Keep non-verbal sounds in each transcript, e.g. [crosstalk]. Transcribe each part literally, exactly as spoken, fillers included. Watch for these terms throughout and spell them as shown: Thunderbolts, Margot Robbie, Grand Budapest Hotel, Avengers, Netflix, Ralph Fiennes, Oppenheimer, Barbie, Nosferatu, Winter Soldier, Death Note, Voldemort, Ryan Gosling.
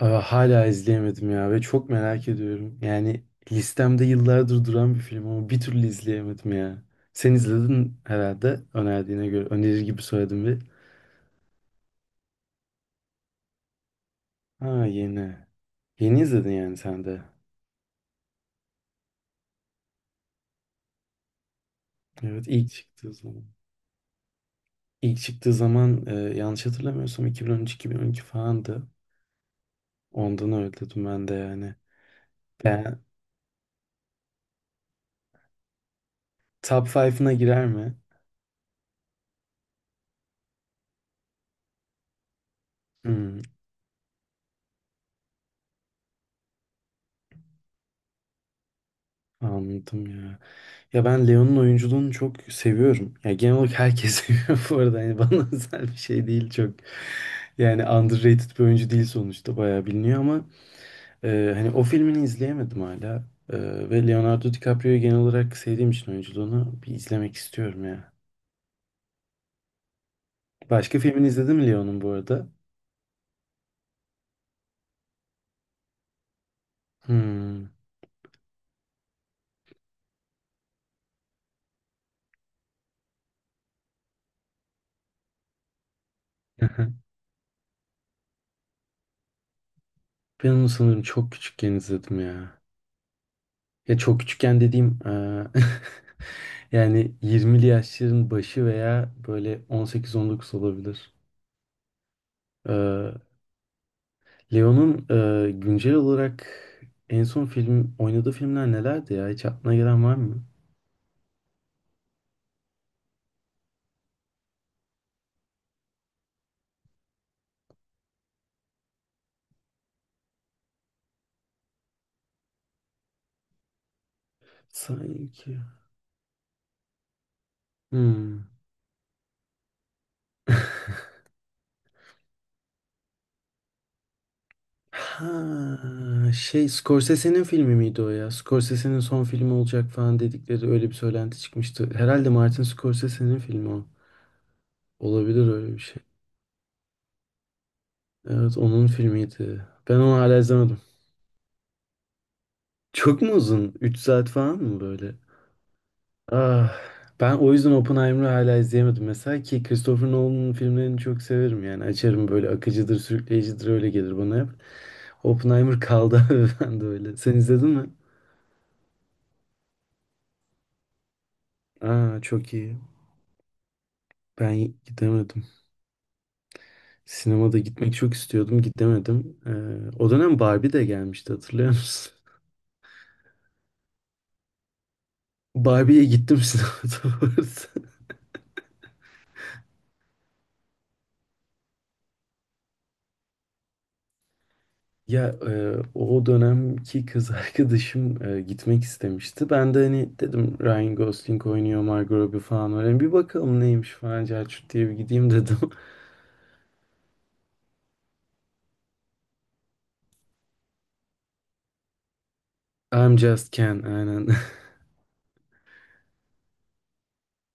Aa, hala izleyemedim ya ve çok merak ediyorum. Yani listemde yıllardır duran bir film ama bir türlü izleyemedim ya. Sen izledin herhalde önerdiğine göre. Önerir gibi söyledim bir. Ha yeni. Yeni izledin yani sen de. Evet ilk çıktığı zaman. İlk çıktığı zaman e, yanlış hatırlamıyorsam iki bin on üç-iki bin on iki falandı. Ondan öyle dedim ben de yani. Ben top beşine girer mi? Hmm, anladım ya. Ya ben Leon'un oyunculuğunu çok seviyorum. Ya genel olarak herkes [laughs] seviyor bu arada. Yani bana [laughs] özel bir şey değil çok. Yani underrated bir oyuncu değil sonuçta. Bayağı biliniyor ama e, hani o filmini izleyemedim hala. E, ve Leonardo DiCaprio'yu genel olarak sevdiğim için oyunculuğunu bir izlemek istiyorum ya. Başka filmini izledin mi Leon'un bu arada? Hmm. [laughs] Ben onu sanırım çok küçükken izledim ya. Ya çok küçükken dediğim eee, [laughs] yani yirmili yaşların başı veya böyle on sekiz on dokuz olabilir. Eee, Leon'un eee, güncel olarak en son film oynadığı filmler nelerdi ya? Hiç aklına gelen var mı? Sanki. Hmm. Ha, şey Scorsese'nin filmi miydi o ya? Scorsese'nin son filmi olacak falan dedikleri öyle bir söylenti çıkmıştı. Herhalde Martin Scorsese'nin filmi o. Olabilir öyle bir şey. Evet onun filmiydi. Ben onu hala izlemedim. Çok mu uzun? Üç saat falan mı böyle? Ah, ben o yüzden Oppenheimer'ı hala izleyemedim. Mesela ki Christopher Nolan'ın filmlerini çok severim yani. Açarım böyle akıcıdır, sürükleyicidir öyle gelir bana hep. Oppenheimer kaldı [laughs] abi ben de öyle. Sen izledin mi? Aa çok iyi. Ben gidemedim. Sinemada gitmek çok istiyordum, gidemedim. Ee, o dönem Barbie de gelmişti hatırlıyor musun? [laughs] Barbie'ye gittim sinemada bu arada. Ya e, o dönemki kız [laughs] arkadaşım e, gitmek istemişti. Ben de hani dedim Ryan Gosling oynuyor, Margot Robbie falan var. Hani bir bakalım neymiş falan Celçut diye bir gideyim dedim. [laughs] I'm Just Ken aynen.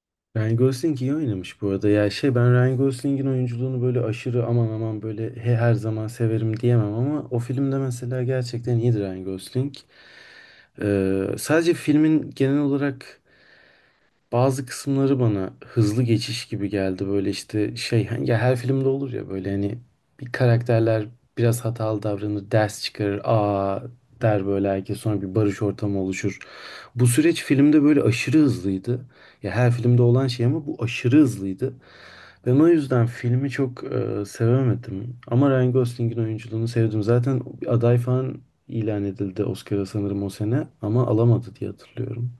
[laughs] Ryan Gosling iyi oynamış bu arada. Ya şey ben Ryan Gosling'in oyunculuğunu böyle aşırı aman aman böyle he, her zaman severim diyemem ama o filmde mesela gerçekten iyidir Ryan Gosling. E, Sadece filmin genel olarak bazı kısımları bana hızlı geçiş gibi geldi. Böyle işte şey hani ya her filmde olur ya böyle hani bir karakterler biraz hatalı davranır, ders çıkarır, aa der böyle herkes sonra bir barış ortamı oluşur. Bu süreç filmde böyle aşırı hızlıydı. Ya her filmde olan şey ama bu aşırı hızlıydı. Ben o yüzden filmi çok e, sevemedim. Ama Ryan Gosling'in oyunculuğunu sevdim. Zaten aday falan ilan edildi Oscar'a sanırım o sene ama alamadı diye hatırlıyorum.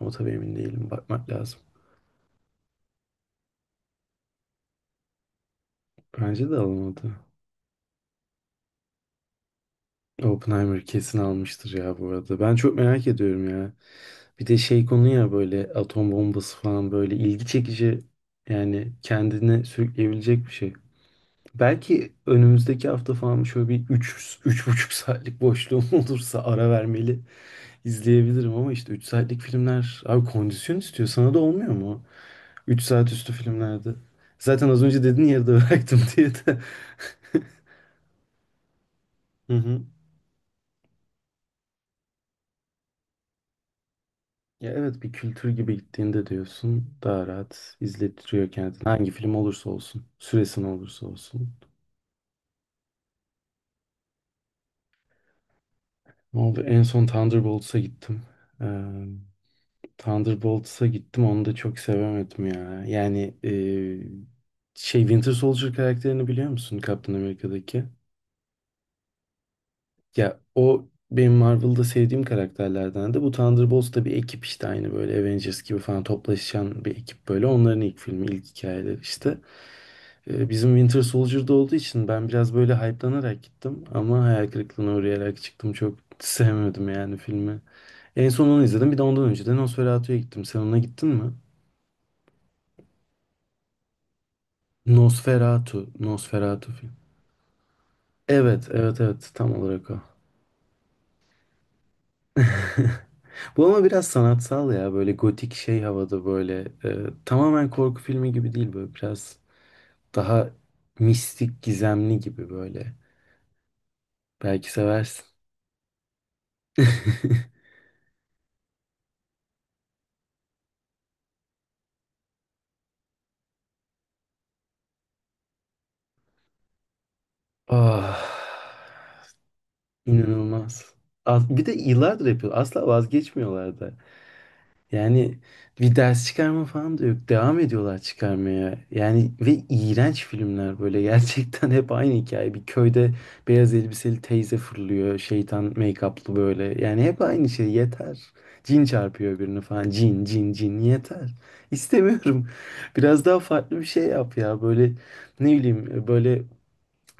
Ama tabii emin değilim. Bakmak lazım. Bence de alamadı. Oppenheimer kesin almıştır ya bu arada. Ben çok merak ediyorum ya. Bir de şey konu ya böyle atom bombası falan böyle ilgi çekici yani kendine sürükleyebilecek bir şey. Belki önümüzdeki hafta falan şöyle bir üç buçuk saatlik boşluğum [laughs] olursa ara vermeli izleyebilirim ama işte üç saatlik filmler abi kondisyon istiyor. Sana da olmuyor mu? Üç saat üstü filmlerde. Zaten az önce dedin yarıda bıraktım [laughs] diye de. Hı hı. Ya evet bir kültür gibi gittiğinde diyorsun daha rahat izletiyor kendini. Hangi film olursa olsun, süresi ne olursa olsun. Ne oldu? En son Thunderbolts'a gittim. Ee, Thunderbolts'a gittim onu da çok sevemedim ya. Yani e, şey Winter Soldier karakterini biliyor musun Captain America'daki? Ya o benim Marvel'da sevdiğim karakterlerden de bu Thunderbolts da bir ekip işte aynı böyle Avengers gibi falan toplaşan bir ekip böyle. Onların ilk filmi, ilk hikayeleri işte. E, Bizim Winter Soldier'da olduğu için ben biraz böyle hype'lanarak gittim ama hayal kırıklığına uğrayarak çıktım. Çok sevmedim yani filmi. En son onu izledim. Bir de ondan önce de Nosferatu'ya gittim. Sen ona gittin mi? Nosferatu. Nosferatu film. Evet, evet, evet. Tam olarak o. [laughs] Bu ama biraz sanatsal ya. Böyle gotik şey havada böyle. E, tamamen korku filmi gibi değil böyle. Biraz daha mistik, gizemli gibi böyle. Belki seversin. [laughs] Ah. İnanılmaz. Az- Bir de yıllardır yapıyor. Asla vazgeçmiyorlar da. Yani bir ders çıkarma falan da yok. Devam ediyorlar çıkarmaya. Yani ve iğrenç filmler böyle. [laughs] Gerçekten hep aynı hikaye. Bir köyde beyaz elbiseli teyze fırlıyor. Şeytan make-up'lı böyle. Yani hep aynı şey. Yeter. Cin çarpıyor birini falan. Cin, cin, cin. Yeter. İstemiyorum. Biraz daha farklı bir şey yap ya. Böyle ne bileyim böyle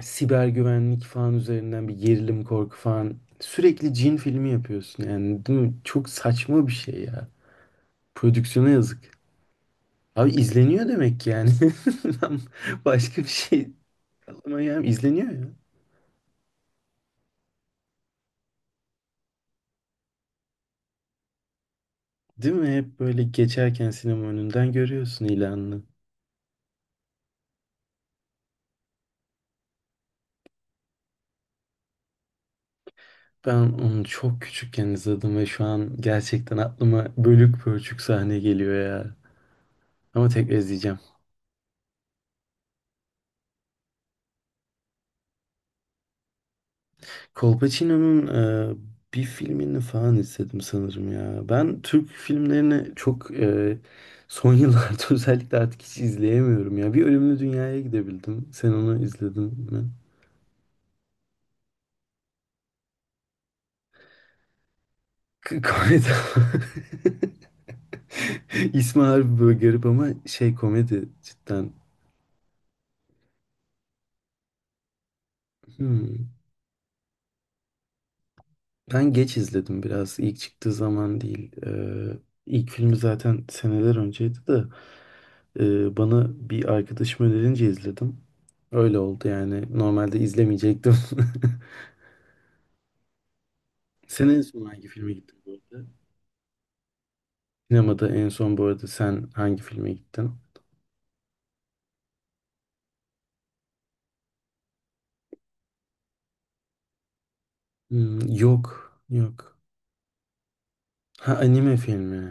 siber güvenlik falan üzerinden bir gerilim korku falan sürekli cin filmi yapıyorsun yani değil mi? Çok saçma bir şey ya. Prodüksiyona yazık. Abi izleniyor demek ki yani. [laughs] Ben başka bir şey aklıma gelmiyor. İzleniyor ya. Değil mi? Hep böyle geçerken sinema önünden görüyorsun ilanını. Ben onu çok küçükken izledim ve şu an gerçekten aklıma bölük pörçük sahne geliyor ya. Ama tekrar izleyeceğim. Colpacino'nun e, bir filmini falan izledim sanırım ya. Ben Türk filmlerini çok e, son yıllarda [laughs] özellikle artık hiç izleyemiyorum ya. Bir Ölümlü Dünya'ya gidebildim. Sen onu izledin mi? K- Komedi. [laughs] İsmi harbi böyle garip ama şey komedi cidden. Hmm. Ben geç izledim biraz. İlk çıktığı zaman değil. Ee, ilk filmi zaten seneler önceydi de. Ee, bana bir arkadaşım önerince izledim. Öyle oldu yani. Normalde izlemeyecektim. [laughs] Sen en son hangi filme gittin bu arada? Sinemada en son bu arada sen hangi filme gittin? Hmm, yok, yok. Ha anime filmi.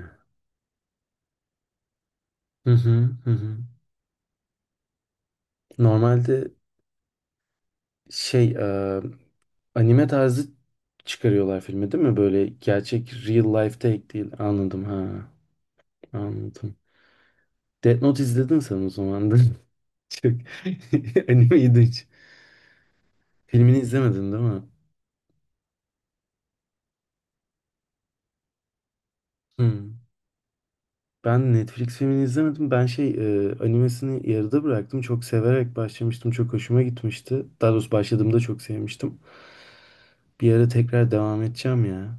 Hı hı, hı hı. Normalde şey e, anime tarzı çıkarıyorlar filmi değil mi? Böyle gerçek real life take değil. Anladım ha. Anladım. Death Note izledin sen o zaman da. [laughs] Çok [laughs] animeydin. Filmini izlemedin değil mi? Hmm. Ben Netflix filmini izlemedim. Ben şey e, animesini yarıda bıraktım. Çok severek başlamıştım. Çok hoşuma gitmişti. Daha doğrusu başladığımda çok sevmiştim. Bir ara tekrar devam edeceğim ya.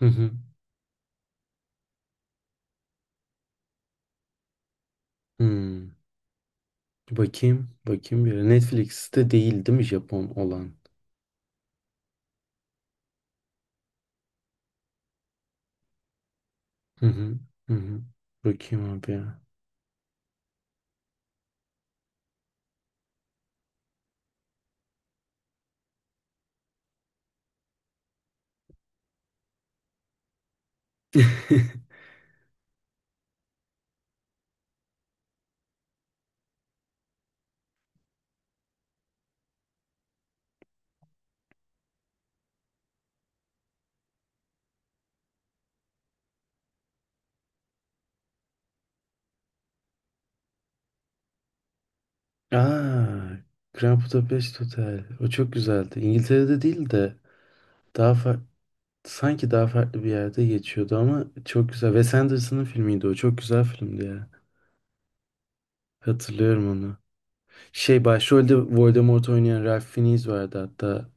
Hı hı. Hmm. Bakayım. Bakayım bir ara. Netflix'te değil değil mi Japon olan? Hı hı. Hı hı. Bakayım abi ya. [laughs] Aa, Grand Budapest Hotel. O çok güzeldi. İngiltere'de değil de daha farklı. Sanki daha farklı bir yerde geçiyordu ama çok güzel. Wes Anderson'ın filmiydi o. Çok güzel filmdi ya. Hatırlıyorum onu. Şey başrolde Voldemort oynayan Ralph Fiennes vardı hatta.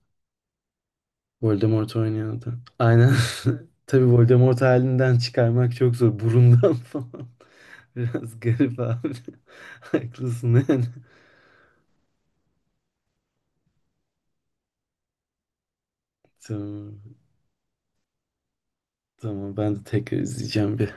Voldemort oynuyordu. Aynen. [laughs] Tabii Voldemort halinden çıkarmak çok zor. Burundan [laughs] falan. Biraz garip abi. [laughs] Haklısın yani. Tamam. Tamam ben de tekrar izleyeceğim bir.